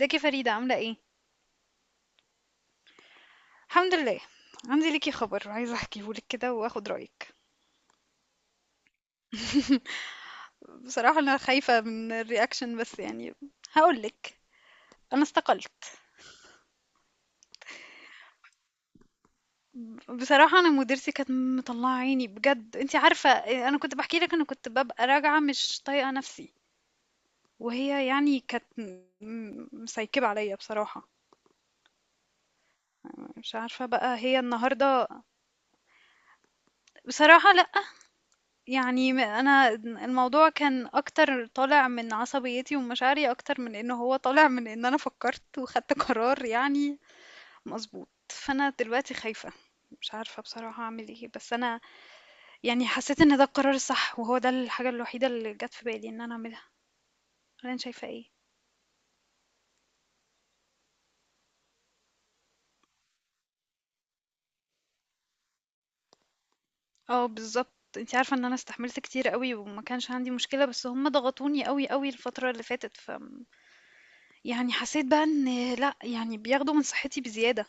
ازيك يا فريدة عاملة ايه؟ الحمد لله. عندي ليكي خبر عايزة احكيهولك كده واخد رأيك. بصراحة انا خايفة من الرياكشن بس يعني هقولك. انا استقلت. بصراحة انا مديرتي كانت مطلعة عيني بجد انتي عارفة. انا كنت بحكي لك انا كنت ببقى راجعة مش طايقة نفسي. وهي يعني كانت مسيكبة عليا بصراحة. مش عارفة بقى هي النهاردة. بصراحة لأ. يعني أنا الموضوع كان أكتر طالع من عصبيتي ومشاعري أكتر من إن هو طالع من إن أنا فكّرت وخدت قرار يعني مضبوط، فأنا دلوقتي خايفة، مش عارفة بصراحة أعمل إيه، بس أنا يعني حسّيت إن ده القرار الصح وهو ده الحاجة الوحيدة اللي جات في بالي إن أنا أعملها، والّا أنتِ شايفة إيه؟ آه بالضبط، أنتِ عارفة إن أنا استحملت كتير أوي وما كانش عندي مشكلة، بس هُم ضغطوني أوي، أوي الفترة اللي فاتت، يعني حسّيت بقى إن لأ، يعني بياخدوا من صحّتي بزيادة.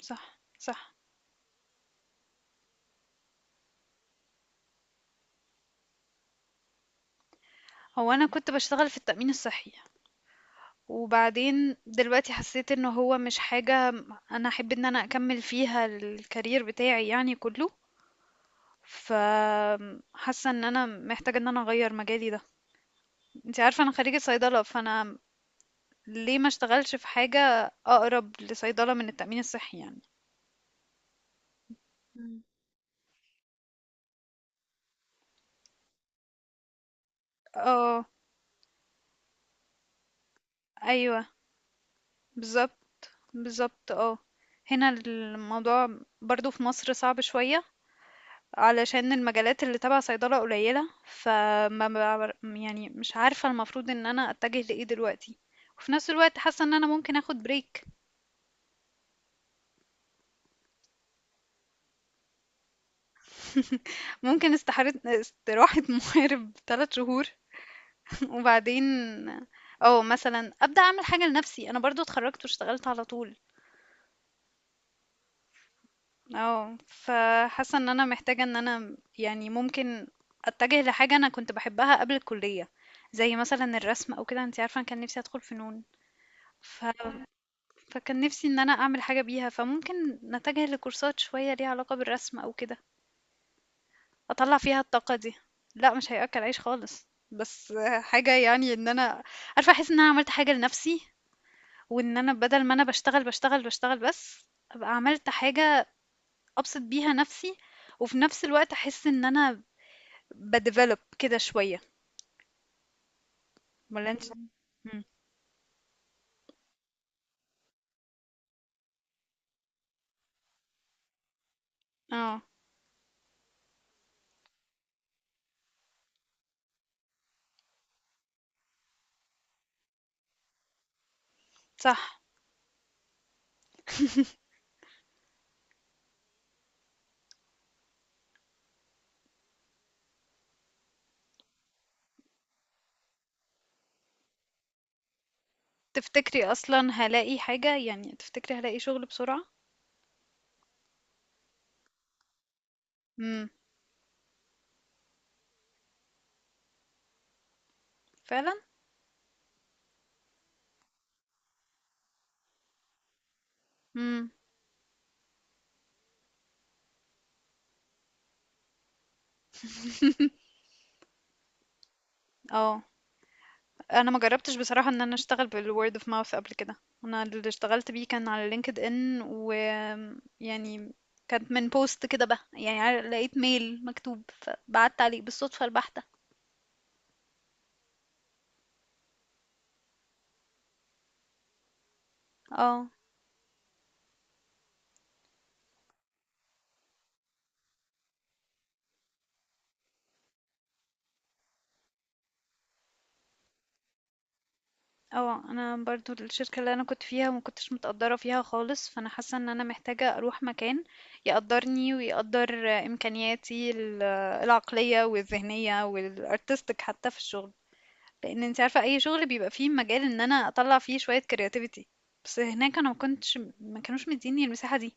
صح، صح. هو انا كنت بشتغل في التأمين الصحي وبعدين دلوقتي حسيت انه هو مش حاجة انا احب ان انا اكمل فيها الكارير بتاعي يعني كله. فحاسة ان انا محتاجة ان انا اغير مجالي ده. انت عارفة انا خريجة صيدلة فانا ليه ما اشتغلش في حاجة اقرب لصيدلة من التأمين الصحي يعني. مم. اه، ايوه بالظبط. بالظبط اه. هنا الموضوع. برضو في مصر صعب شوية علشان المجالات اللي تبع صيدلة قليلة، يعني مش عارفة المفروض ان انا اتجه لايه دلوقتي. وفي نفس الوقت حاسة ان انا ممكن اخد بريك. ممكن استراحة محارب ثلاث شهور. وبعدين او مثلا ابدا اعمل حاجة لنفسي، انا برضو اتخرجت واشتغلت على طول. اه فحاسة ان انا محتاجة ان انا يعني ممكن اتجه لحاجة انا كنت بحبها قبل الكلية، زي مثلا الرسم او كده، انت عارفة انا كان نفسي ادخل فنون. ف فكان نفسي إن أنا أعمل حاجة بيها، فممكن نتجه لكورسات شوية ليها علاقة بالرسم أو كده، أطلّع فيها الطاقة دي. لأ، مش هيأكل عيش خالص، بس حاجة يعني إن أنا عارفة أحس إن أنا عملت حاجة لنفسي، وإن أنا بدل ما أنا باشتغل، باشتغل، باشتغل بس، أبقى عملت حاجة أبسط بيها نفسي، وفي نفس الوقت أحس إن أنا باdevelop كده شوية، والّا أنتِ. إمم، آه، صح. تفتكري أصلًا هالاقي حاجة؟ يعني تفتكري هالاقي شغل بسرعة؟ إمم، فعلًا؟ إمم، آه. انا ما جربتش بصراحه ان انا اشتغل بالword of mouth قبل كده. انا اللي اشتغلت بيه كان على لينكد ان، و يعني كانت من بوست كده بقى، يعني لقيت ميل مكتوب فبعت عليه بالصدفه البحته. اه. اه انا برضو الشركه اللي انا كنت فيها ما كنتش متقدره فيها خالص، فانا حاسه ان انا محتاجه اروح مكان يقدرني ويقدر امكانياتي العقليه والذهنيه والارتستيك حتى في الشغل. لان انت عارفه اي شغل بيبقى فيه مجال ان انا اطلع فيه شويه كرياتيفيتي. بس هناك انا ما كانوش مديني المساحه دي.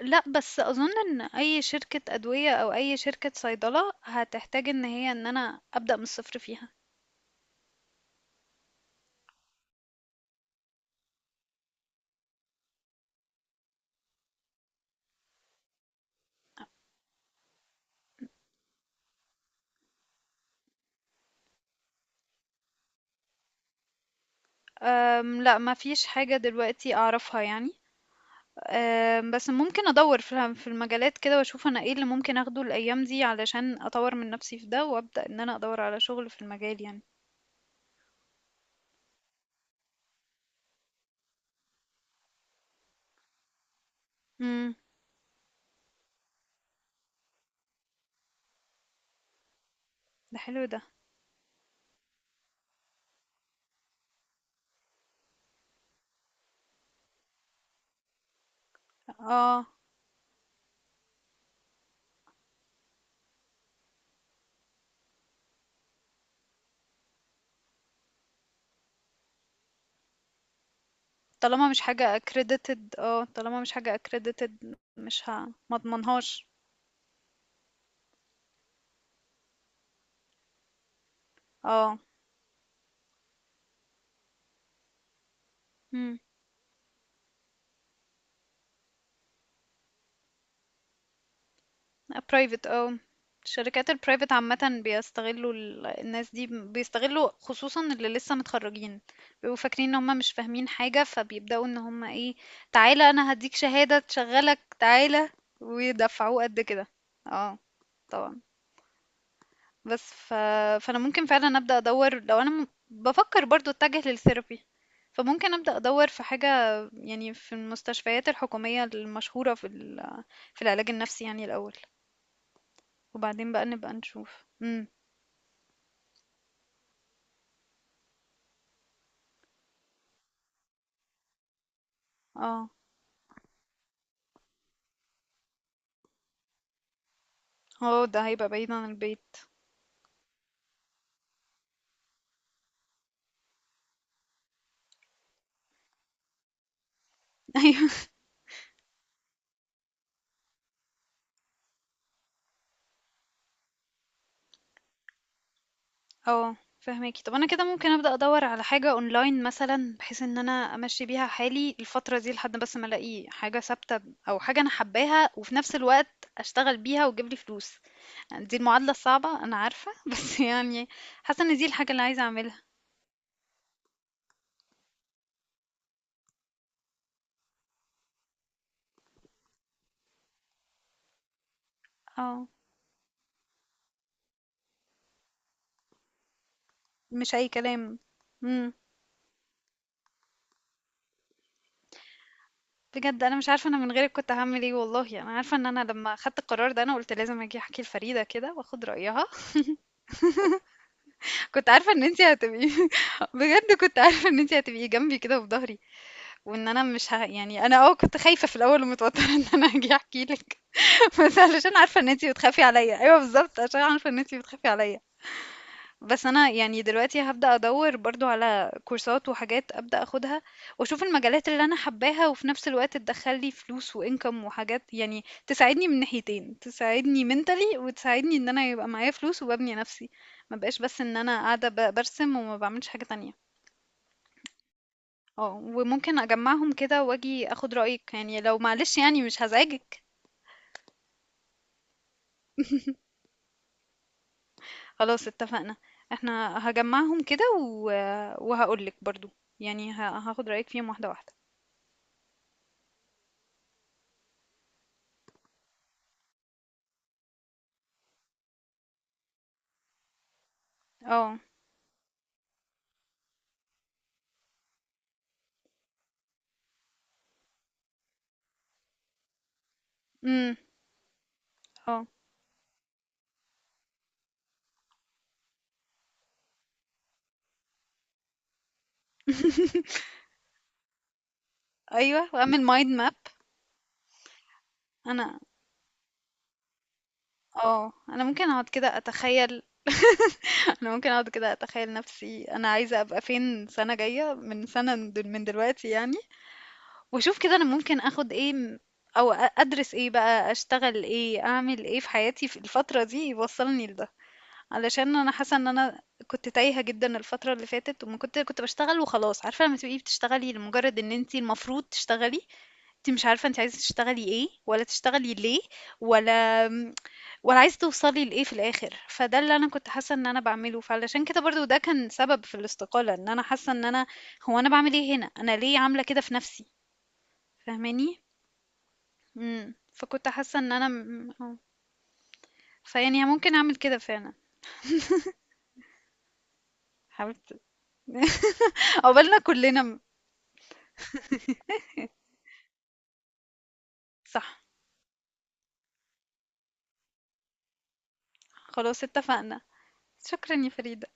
لا بس اظن ان اي شركه ادويه او اي شركه صيدله هتحتاج ان هي ان انا ابدا من الصفر فيها. لا ما فيش حاجه دلوقتي اعرفها يعني. بس ممكن ادور في المجالات كده واشوف انا ايه اللي ممكن اخده الايام دي علشان اطور من نفسي في ده وابدا ان انا ادور على شغل في المجال يعني. امم. ده حلو ده. اه طالما مش حاجة accredited. اه طالما مش حاجة accredited. مش ه... ما اضمنهاش. اه. امم. private اه. الشركات البرايفت عامة بيستغلوا الناس دي، بيستغلوا خصوصا اللي لسه متخرجين. بيبقوا فاكرين ان هم مش فاهمين حاجة، فبيبدأوا ان هم ايه، تعالى انا هديك شهادة تشغلك تعالى ويدفعوه قد كده. اه طبعا. بس ف... فانا ممكن فعلا ابدا ادور، لو انا بفكر برضو اتجه للثيرابي. فممكن ابدا ادور في حاجه، يعني في المستشفيات الحكوميه المشهوره في العلاج النفسي يعني الاول، وبعدين بقى نبقى نشوف. امم. اه. اه ده هيبقى بعيد عن البيت. ايوه. اه فهماكي. طب انا كده ممكن ابدا ادور على حاجه اونلاين مثلا، بحيث ان انا امشي بيها حالي الفتره دي لحد بس ما الاقي حاجه ثابته. او حاجه انا حباها وفي نفس الوقت اشتغل بيها وتجيب لي فلوس. يعني دي المعادلة الصعبة، أنا عارفة، بس يعني حاسة إن دي الحاجة اللي عايزة أعملها. اه. مش أي كلام. امم. بجد أنا مش عارفة أنا من غيرك كنت هعمل إيه. والله أنا عارفة إن أنا لما خدت القرار ده أنا قلت لازم أجي أحكي لفريدة كده وأخد رأيها. كنت عارفة إن أنتي هتبقي. بجد كنت عارفة إن أنتي هتبقي جنبي كده وفي ظهري. وإن أنا مش ه... يعني أنا كنت خايفة في الأول ومتوترة إن أنا أجي أحكي لك. بس علشان عارفة إن أنتي بتخافي عليا. أيوه بالظبط، عشان عارفة إن أنتي بتخافي عليا. بس انا يعني دلوقتي هبدأ ادور برضو على كورسات وحاجات ابدأ اخدها. واشوف المجالات اللي انا حباها وفي نفس الوقت تدخل لي فلوس وانكم، وحاجات يعني تساعدني من ناحيتين، تساعدني منتلي وتساعدني ان انا يبقى معايا فلوس وببني نفسي. ما بقاش بس ان انا قاعدة برسم وما بعملش حاجة تانية. اه وممكن اجمعهم كده واجي اخد رأيك، يعني لو معلش، يعني مش هزعجك. خلاص اتفقنا. احنا هجمعهم كده وهقولك برضو، يعني هاخد رأيك فيهم واحدة واحدة. اه. اه ايوه واعمل مايند ماب. انا اه انا ممكن اقعد كده اتخيل. انا ممكن اقعد كده اتخيل نفسي انا عايزه ابقى فين سنه جايه من سنه من دلوقتي يعني. واشوف كده انا ممكن اخد ايه، او ادرس ايه بقى، اشتغل ايه، اعمل ايه في حياتي في الفتره دي يوصلني لده. علشان انا حاسه ان انا كنت تايهه جدا الفتره اللي فاتت، وما كنت بشتغل وخلاص. عارفه لما تبقي بتشتغلي لمجرد ان انتي المفروض تشتغلي، أنتِ مش عارفة أنتِ عايزة تشتغلي إيه، ولا تشتغلي ليه، ولا آمم، ولا عايزة توصلي لإيه في الآخر، فده اللي أنا كنت حاسة إن أنا باعمله، فعلشان كده برضه ده كان سبب في الاستقالة، إن أنا حاسة إن أنا، هو أنا باعمل إيه هنا، أنا ليه عاملة كده في نفسي، فاهماني؟ إمم، فكنت حاسة إن أنا آه، فيعني ممكن أعمل كده فعلًا، حاولت. عقبالنا كلنا صح، خلاص اتفقنا، شكرًا يا فريدة،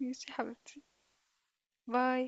ماشي يا حبيبتي، باي.